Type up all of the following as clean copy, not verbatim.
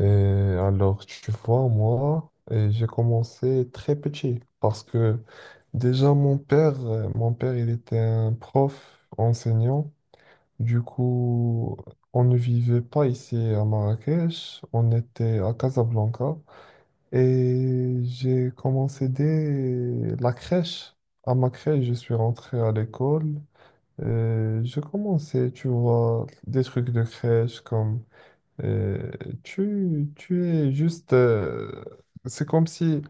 Et alors, tu vois, moi, j'ai commencé très petit parce que déjà mon père, il était un prof enseignant. Du coup, on ne vivait pas ici à Marrakech, on était à Casablanca et j'ai commencé dès la crèche. À ma crèche, je suis rentré à l'école. Et j'ai commencé, tu vois, des trucs de crèche comme euh, tu es juste... c'est comme si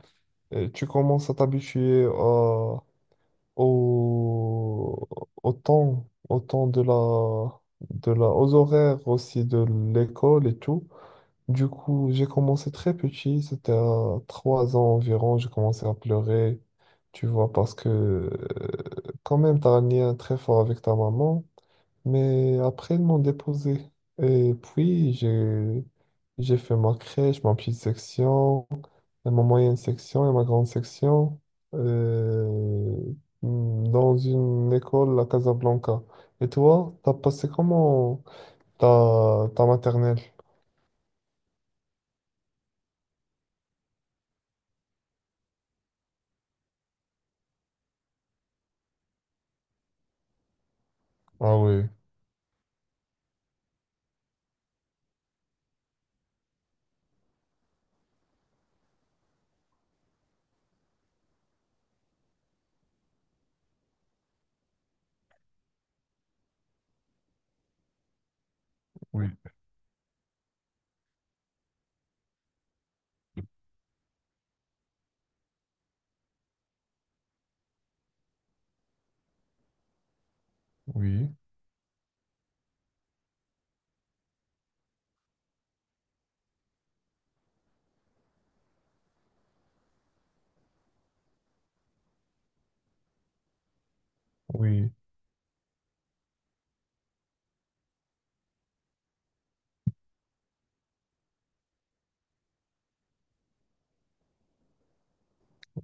tu commences à t'habituer au, au temps de la, aux horaires aussi de l'école et tout. Du coup, j'ai commencé très petit, c'était à 3 ans environ, j'ai commencé à pleurer, tu vois, parce que quand même, tu as un lien très fort avec ta maman. Mais après, ils m'ont déposé. Et puis, j'ai fait ma crèche, ma petite section, et ma moyenne section et ma grande section euh, dans une école à Casablanca. Et toi, t'as passé comment ta maternelle? Ah oui, oui, oui, oui,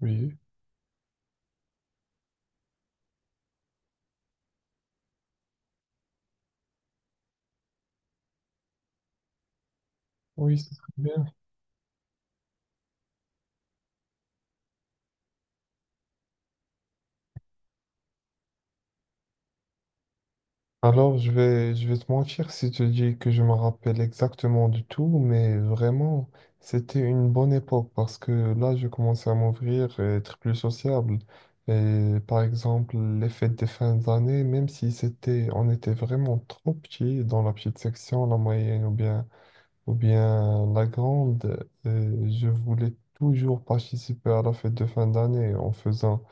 oui, oui, c'est très bien. Alors, je vais te mentir si je te dis que je me rappelle exactement de tout, mais vraiment, c'était une bonne époque parce que là, je commençais à m'ouvrir et être plus sociable. Et par exemple, les fêtes des fins d'année, même si c'était, on était vraiment trop petits dans la petite section, la moyenne ou bien la grande, je voulais toujours participer à la fête de fin d'année en faisant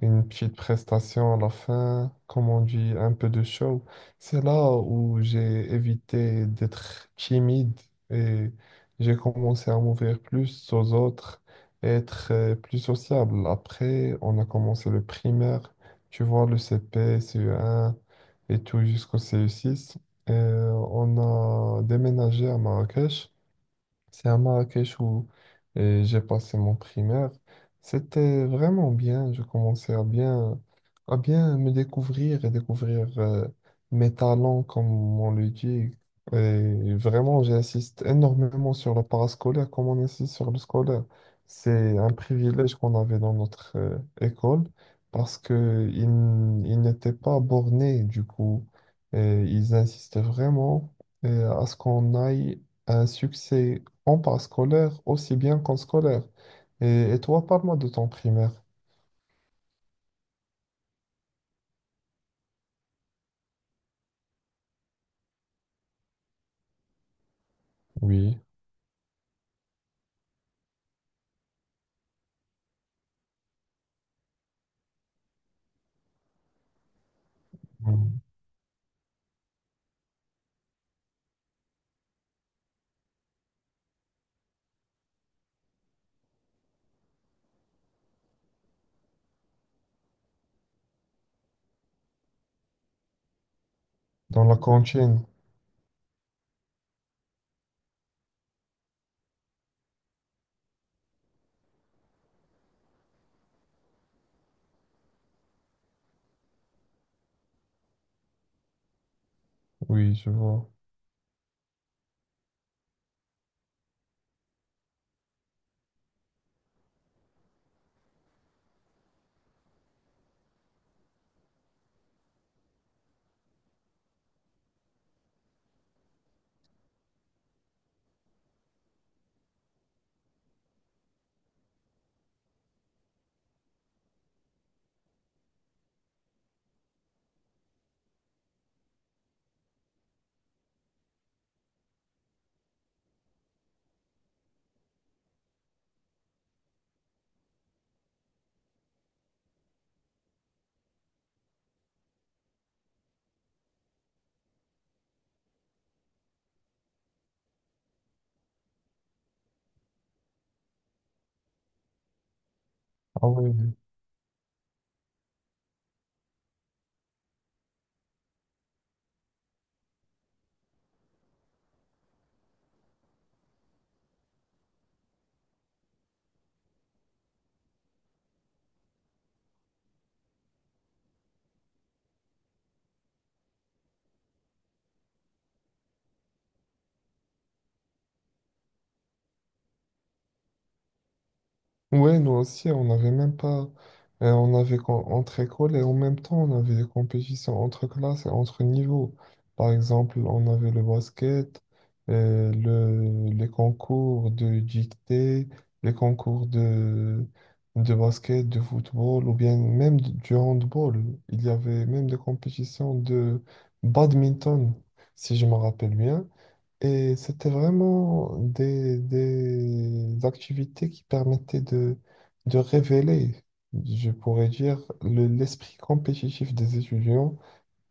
une petite prestation à la fin, comme on dit, un peu de show. C'est là où j'ai évité d'être timide et j'ai commencé à m'ouvrir plus aux autres et être plus sociable. Après, on a commencé le primaire, tu vois, le CP, CE1 et tout jusqu'au CE6. Et on a déménagé à Marrakech. C'est à Marrakech où j'ai passé mon primaire. C'était vraiment bien. Je commençais à bien me découvrir et découvrir mes talents, comme on le dit. Et vraiment, j'insiste énormément sur le parascolaire, comme on insiste sur le scolaire. C'est un privilège qu'on avait dans notre école parce que ils n'étaient pas bornés, du coup. Et ils insistaient vraiment à ce qu'on aille à un succès en parascolaire aussi bien qu'en scolaire. Et toi, parle-moi de ton primaire. Oui. Mm. Dans la cantine. Oui, je vois. Ah oui. Oui. Ouais, nous aussi, on n'avait même pas. On avait entre écoles et en même temps, on avait des compétitions entre classes et entre niveaux. Par exemple, on avait le basket, le, les concours de dictée, les concours de basket, de football, ou bien même du handball. Il y avait même des compétitions de badminton, si je me rappelle bien. Et c'était vraiment des activités qui permettaient de révéler, je pourrais dire, l'esprit compétitif des étudiants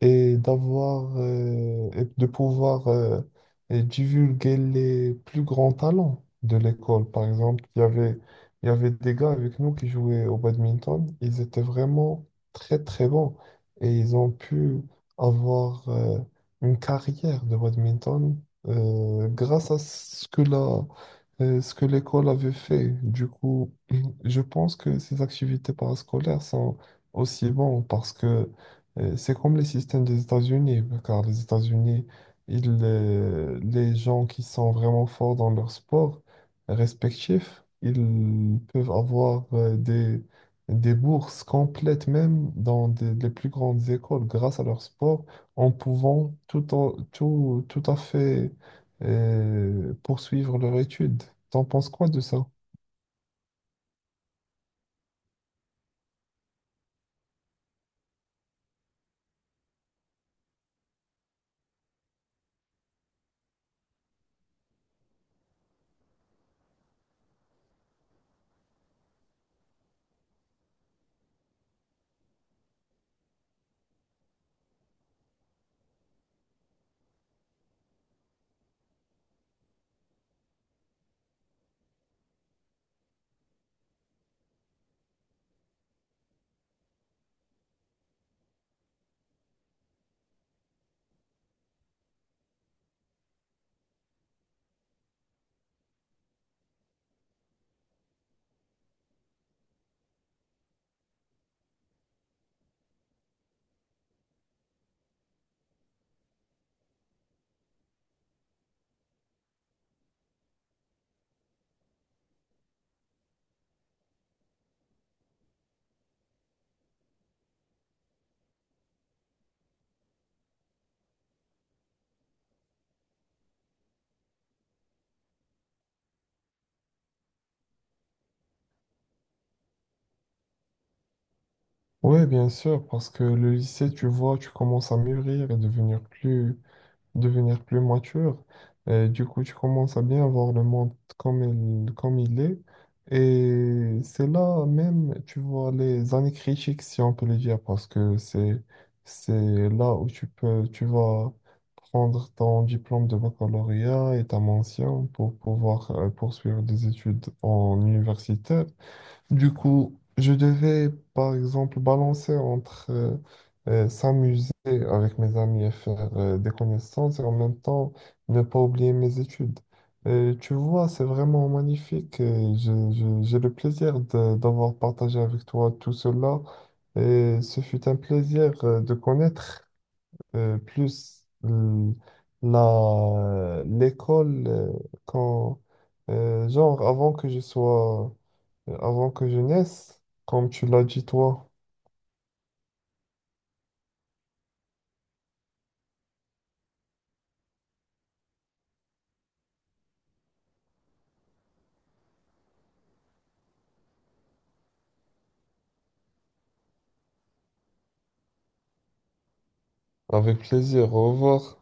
et d'avoir et de pouvoir et divulguer les plus grands talents de l'école. Par exemple, il y avait des gars avec nous qui jouaient au badminton. Ils étaient vraiment très très bons et ils ont pu avoir une carrière de badminton grâce à ce que la ce que l'école avait fait. Du coup, je pense que ces activités parascolaires sont aussi bonnes parce que c'est comme les systèmes des États-Unis, car les États-Unis, les gens qui sont vraiment forts dans leur sport respectif, ils peuvent avoir des bourses complètes même dans les plus grandes écoles grâce à leur sport, en pouvant tout, tout, tout à fait poursuivre leur étude. T'en penses quoi de ça? Oui, bien sûr, parce que le lycée, tu vois, tu commences à mûrir et devenir plus mature. Du coup, tu commences à bien voir le monde comme il est. Et c'est là même, tu vois, les années critiques, si on peut le dire, parce que c'est là où tu peux, tu vas prendre ton diplôme de baccalauréat et ta mention pour pouvoir poursuivre des études en université. Du coup, je devais, par exemple, balancer entre s'amuser avec mes amis et faire des connaissances et en même temps ne pas oublier mes études. Et tu vois, c'est vraiment magnifique et j'ai le plaisir d'avoir partagé avec toi tout cela. Et ce fut un plaisir de connaître plus la, l'école quand, genre, avant que je sois avant que je naisse, comme tu l'as dit toi, avec plaisir, au revoir.